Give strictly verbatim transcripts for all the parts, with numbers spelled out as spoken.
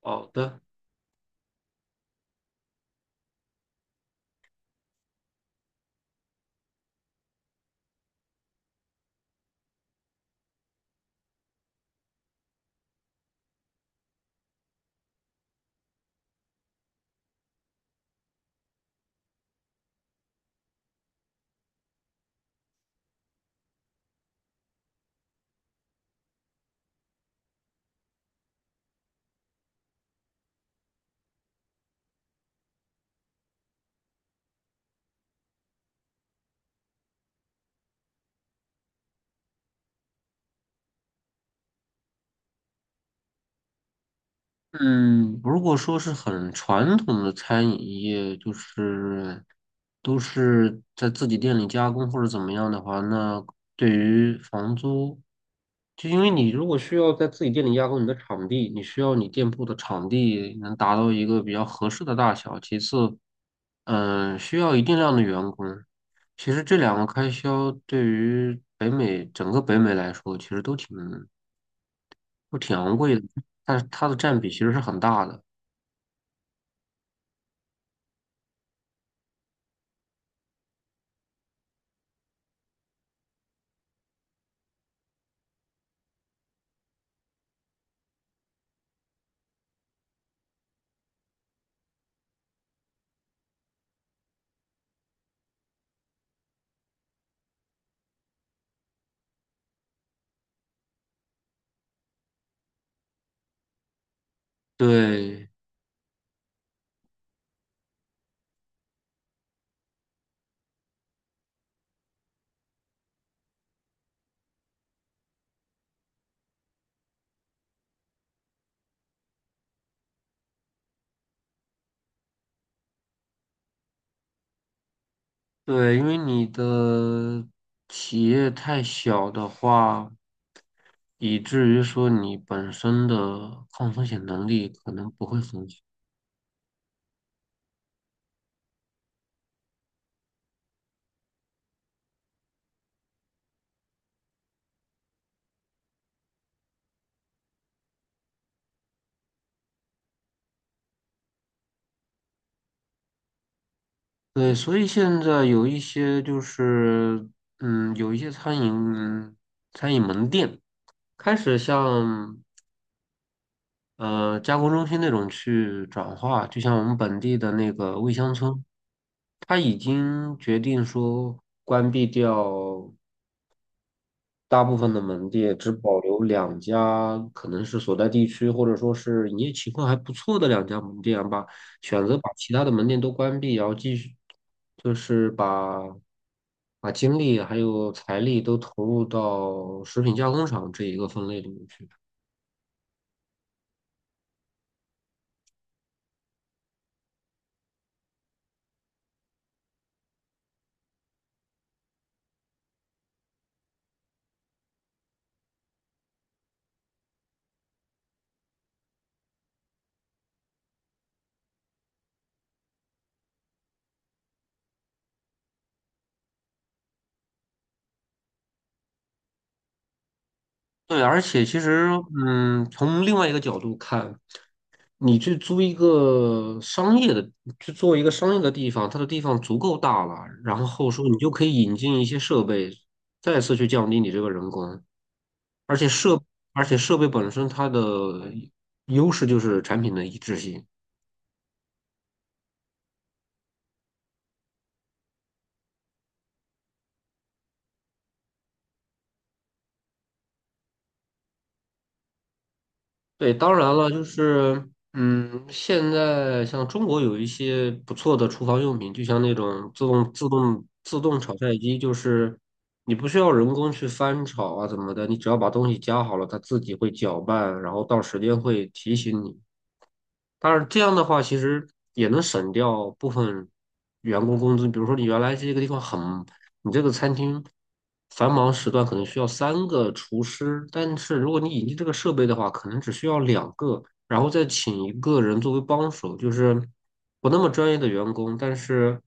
好的，嗯，如果说是很传统的餐饮业，就是都是在自己店里加工或者怎么样的话，那对于房租，就因为你如果需要在自己店里加工你的场地，你需要你店铺的场地能达到一个比较合适的大小，其次，嗯，需要一定量的员工。其实这两个开销对于北美整个北美来说，其实都挺不挺昂贵的，但是它的占比其实是很大的。对对，因为你的企业太小的话，以至于说你本身的抗风险能力可能不会很好。对，所以现在有一些就是，嗯，有一些餐饮餐饮门店开始向呃，加工中心那种去转化，就像我们本地的那个味乡村，他已经决定说关闭掉大部分的门店，只保留两家，可能是所在地区或者说是营业情况还不错的两家门店吧，选择把其他的门店都关闭，然后继续就是把把精力还有财力都投入到食品加工厂这一个分类里面去。对，而且其实，嗯，从另外一个角度看，你去租一个商业的，去做一个商业的地方，它的地方足够大了，然后说你就可以引进一些设备，再次去降低你这个人工，而且设，而且设备本身它的优势就是产品的一致性。对，当然了，就是，嗯，现在像中国有一些不错的厨房用品，就像那种自动、自动、自动炒菜机，就是你不需要人工去翻炒啊怎么的，你只要把东西加好了，它自己会搅拌，然后到时间会提醒你。当然，这样的话其实也能省掉部分员工工资。比如说，你原来这个地方很，你这个餐厅繁忙时段可能需要三个厨师，但是如果你引进这个设备的话，可能只需要两个，然后再请一个人作为帮手，就是不那么专业的员工，但是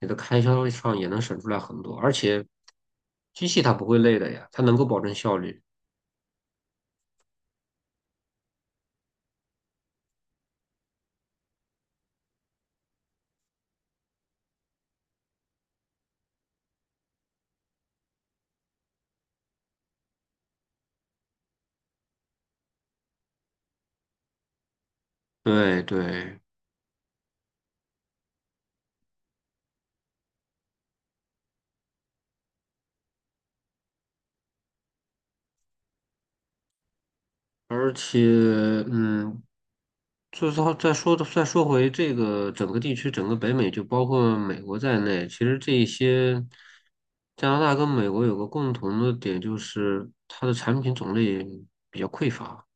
你的开销上也能省出来很多。而且机器它不会累的呀，它能够保证效率。对对。而且，嗯，就是好再说的再说回这个整个地区，整个北美就包括美国在内，其实这一些加拿大跟美国有个共同的点，就是它的产品种类比较匮乏，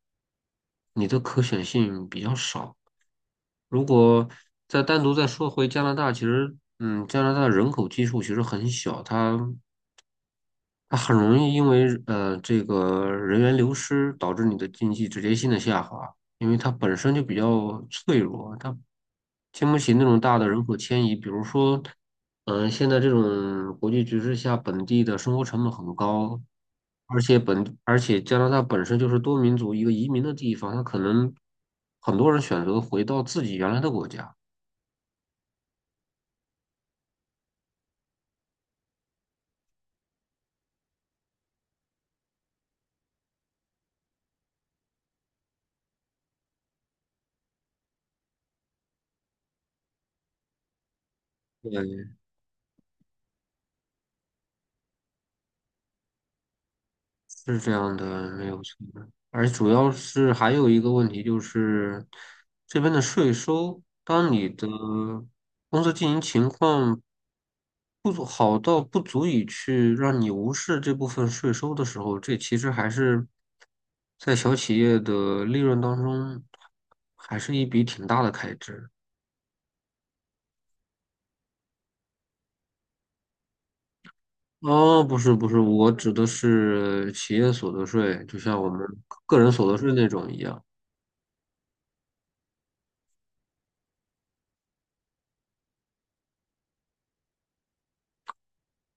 你的可选性比较少。如果再单独再说回加拿大，其实，嗯，加拿大人口基数其实很小，它它很容易因为呃这个人员流失导致你的经济直接性的下滑，因为它本身就比较脆弱，它经不起那种大的人口迁移。比如说，嗯、现在这种国际局势下，本地的生活成本很高，而且本而且加拿大本身就是多民族一个移民的地方，它可能很多人选择回到自己原来的国家。对，是这样的，没有错。而主要是还有一个问题就是，这边的税收，当你的公司经营情况不足好到不足以去让你无视这部分税收的时候，这其实还是在小企业的利润当中，还是一笔挺大的开支。哦，不是不是，我指的是企业所得税，就像我们个人所得税那种一样。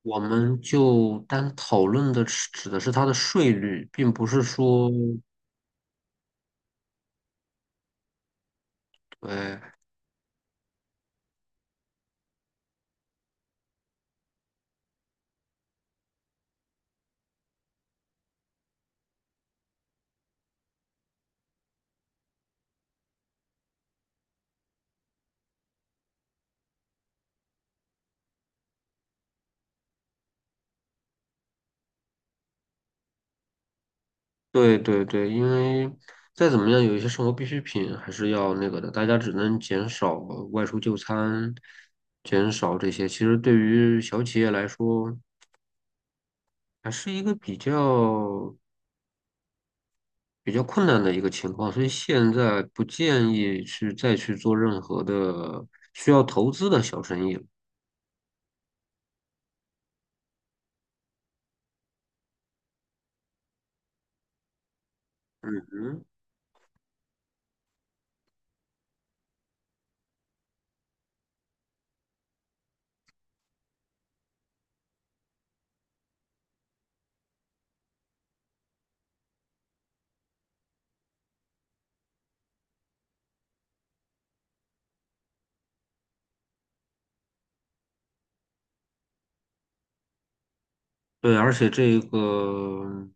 我们就单讨论的是指的是它的税率，并不是说，对对对对，因为再怎么样，有一些生活必需品还是要那个的，大家只能减少外出就餐，减少这些。其实对于小企业来说，还是一个比较比较困难的一个情况，所以现在不建议去再去做任何的需要投资的小生意了。嗯，对，而且这个。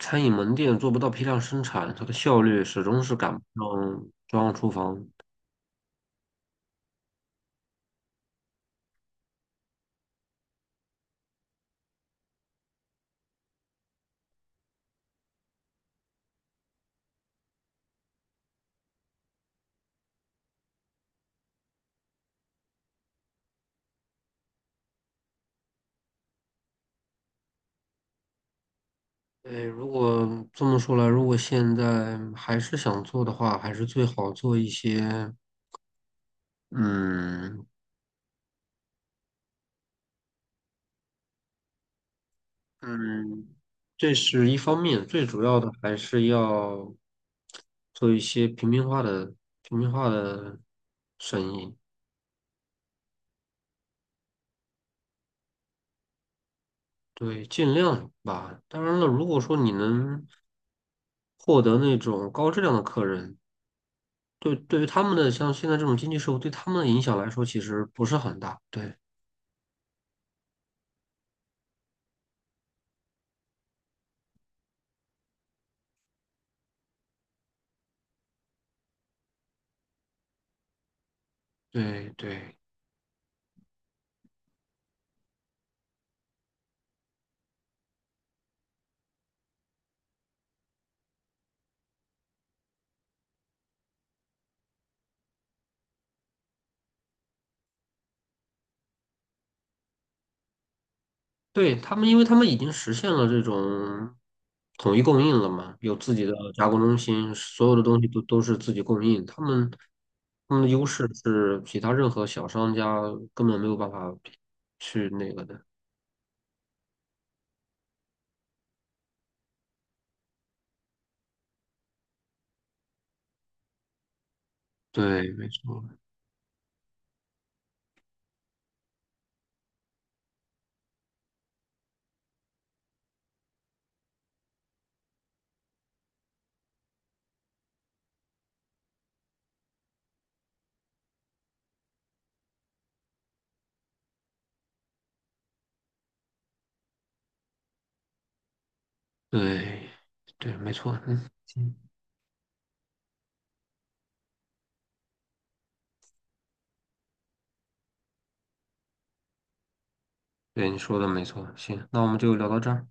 餐饮门店做不到批量生产，它的效率始终是赶不上中央厨房。哎，如果这么说来，如果现在还是想做的话，还是最好做一些，嗯。嗯，这是一方面，最主要的还是要做一些平民化的平民化的生意，对，尽量吧。当然了，如果说你能获得那种高质量的客人。对，对于他们的像现在这种经济社会，对他们的影响来说，其实不是很大。对，对，对，对，他们，因为他们已经实现了这种统一供应了嘛，有自己的加工中心，所有的东西都都是自己供应。他们，他们的优势是其他任何小商家根本没有办法比去那个的。对，没错，对，对，没错，嗯，行，对，你说的没错。行，那我们就聊到这儿。